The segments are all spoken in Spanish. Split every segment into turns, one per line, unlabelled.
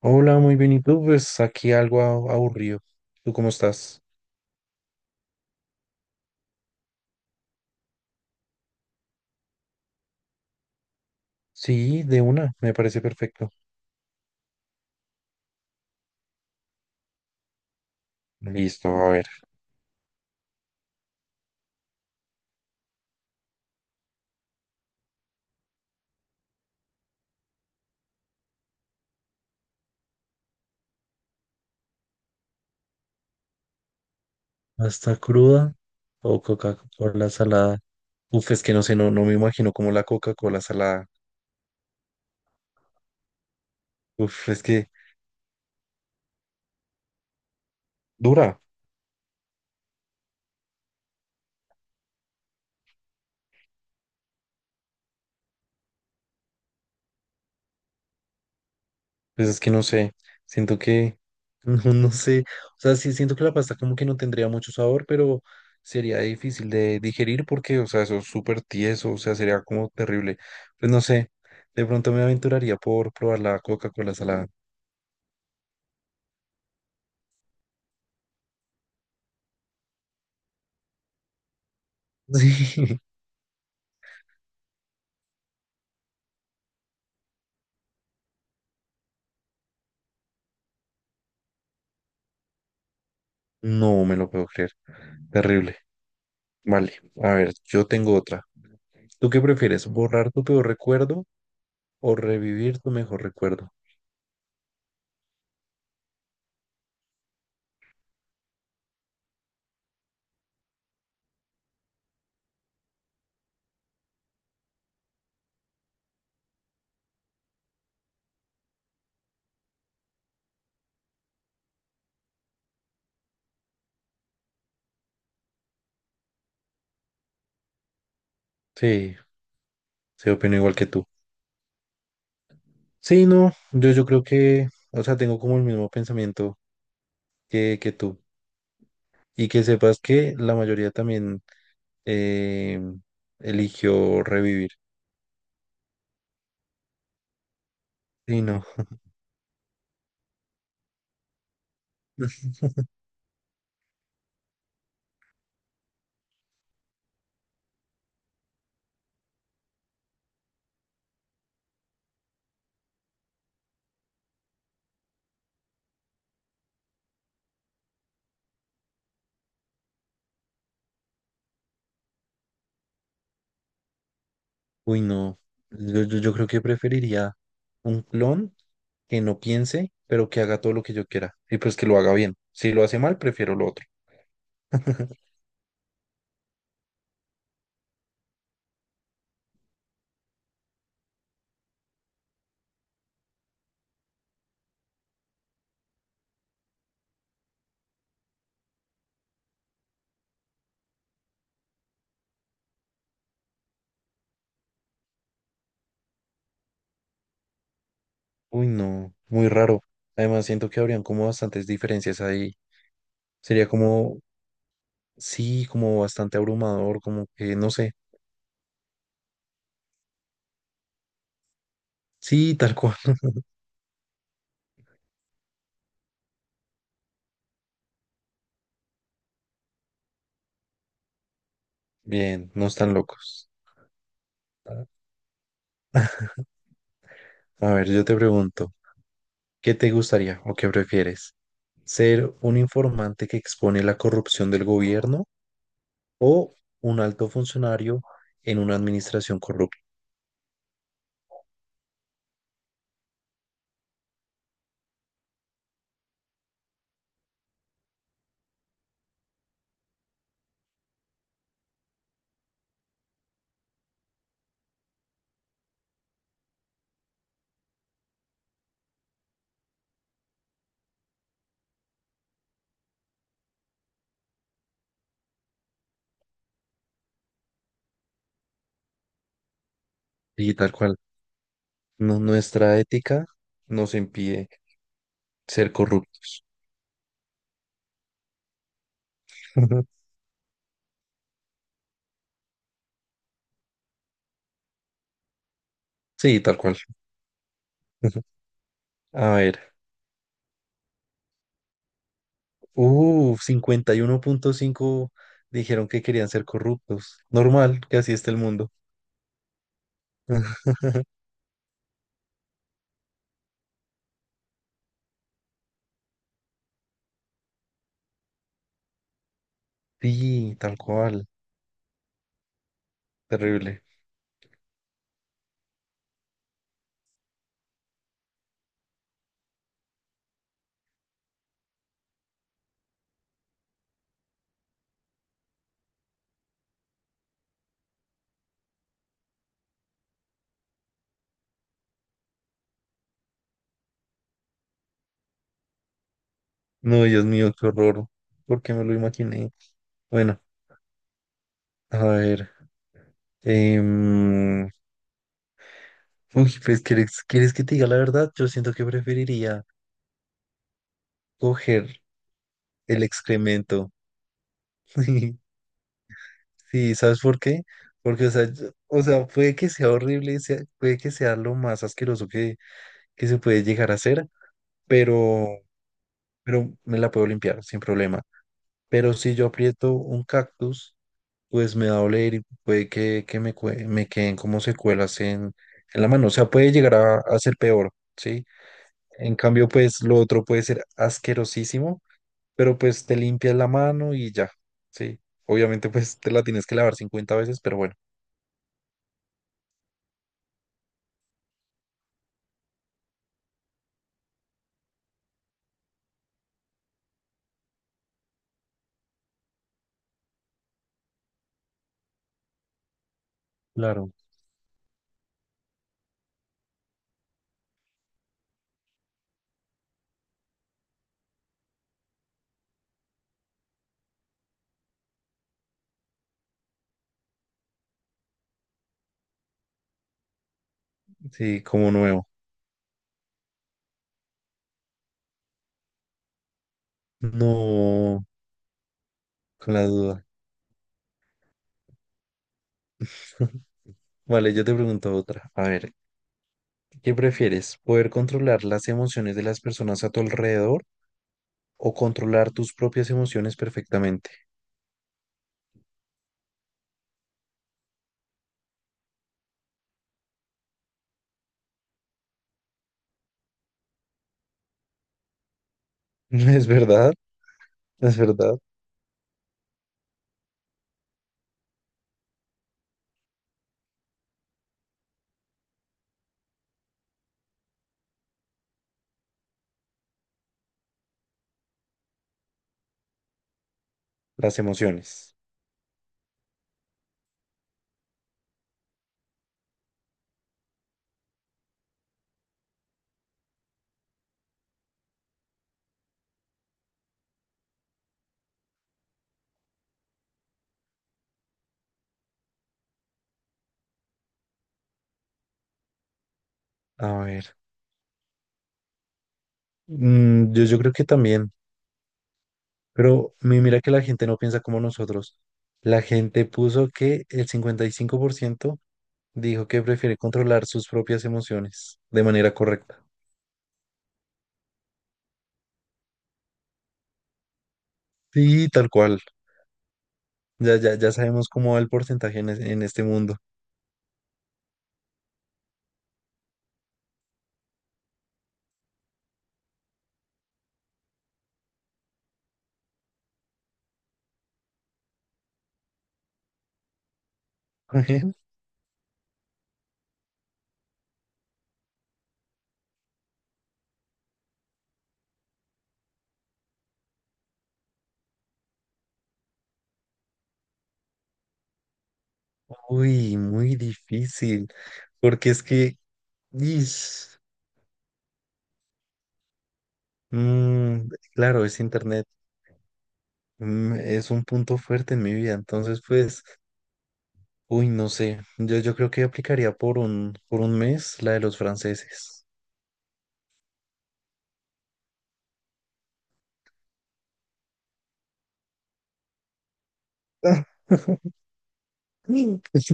Hola, muy bien. ¿Y tú? Pues aquí algo aburrido. ¿Tú cómo estás? Sí, de una, me parece perfecto. Listo, a ver. ¿Hasta cruda o Coca-Cola salada? Uf, es que no sé, no me imagino como la Coca-Cola salada. Uf, es que dura. Pues es que no sé, siento que, no, no sé, o sea, sí siento que la pasta como que no tendría mucho sabor, pero sería difícil de digerir porque, o sea, eso es súper tieso, o sea, sería como terrible. Pues no sé, de pronto me aventuraría por probar la Coca-Cola salada. Sí, no me lo puedo creer, terrible. Vale, a ver, yo tengo otra. ¿Tú qué prefieres, borrar tu peor recuerdo o revivir tu mejor recuerdo? Sí, se opino igual que tú. Sí, no, yo creo que, o sea, tengo como el mismo pensamiento que tú. Y que sepas que la mayoría también eh, eligió revivir. Sí, no, uy, no. Yo creo que preferiría un clon que no piense, pero que haga todo lo que yo quiera. Y pues que lo haga bien. Si lo hace mal, prefiero lo otro. Uy, no, muy raro. Además, siento que habrían como bastantes diferencias ahí. Sería como, sí, como bastante abrumador, como que, no sé. Sí, tal cual. Bien, no están locos. A ver, yo te pregunto, ¿qué te gustaría o qué prefieres? ¿Ser un informante que expone la corrupción del gobierno o un alto funcionario en una administración corrupta? Y tal cual, nuestra ética nos impide ser corruptos. Sí, tal cual. A ver, 51,5 dijeron que querían ser corruptos. Normal, que así está el mundo. Sí, tal cual, terrible. No, Dios mío, qué horror. ¿Por qué me lo imaginé? Bueno, a ver. em, uy, pues, ¿quieres que te diga la verdad? Yo siento que preferiría coger el excremento. Sí, ¿sabes por qué? Porque, o sea, o sea, puede que sea horrible, puede que sea lo más asqueroso que se puede llegar a hacer, pero, pero me la puedo limpiar sin problema. Pero si yo aprieto un cactus, pues me va a doler y puede que me, me queden como secuelas en la mano. O sea, puede llegar a ser peor, ¿sí? En cambio, pues lo otro puede ser asquerosísimo, pero pues te limpias la mano y ya, ¿sí? Obviamente, pues te la tienes que lavar 50 veces, pero bueno, claro. Sí, como nuevo. No, con la duda. Vale, yo te pregunto otra. A ver, ¿qué prefieres? ¿Poder controlar las emociones de las personas a tu alrededor o controlar tus propias emociones perfectamente? Es verdad, es verdad. Las emociones. A ver. Yo creo que también. Pero mira que la gente no piensa como nosotros. La gente puso que el 55% dijo que prefiere controlar sus propias emociones de manera correcta. Sí, tal cual. Ya sabemos cómo va el porcentaje en, en este mundo. Uy, muy difícil. Porque es que, ish, mm, claro, es internet. Mm, es un punto fuerte en mi vida, entonces pues, uy, no sé, yo creo que aplicaría por un mes la de los franceses.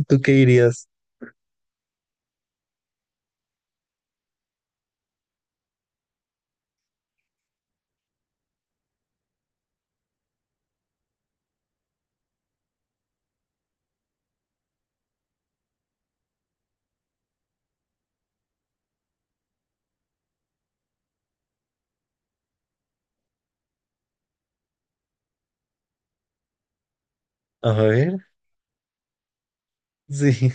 ¿Tú qué dirías? A ver, sí.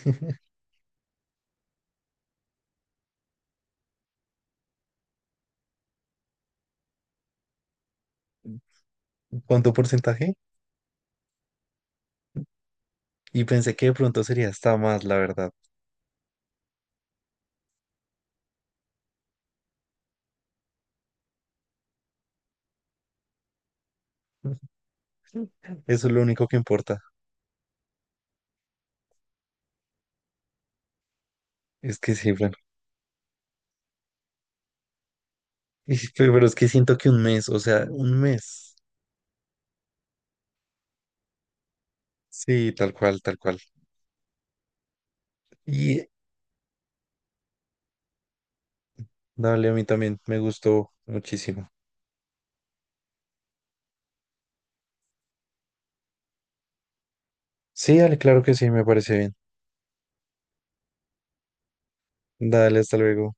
¿Cuánto porcentaje? Y pensé que de pronto sería hasta más, la verdad. Eso es lo único que importa. Es que sí, bueno, pero es que siento que un mes, o sea, un mes. Sí, tal cual, tal cual. Y dale, a mí también me gustó muchísimo. Sí, dale, claro que sí, me parece bien. Dale, hasta luego.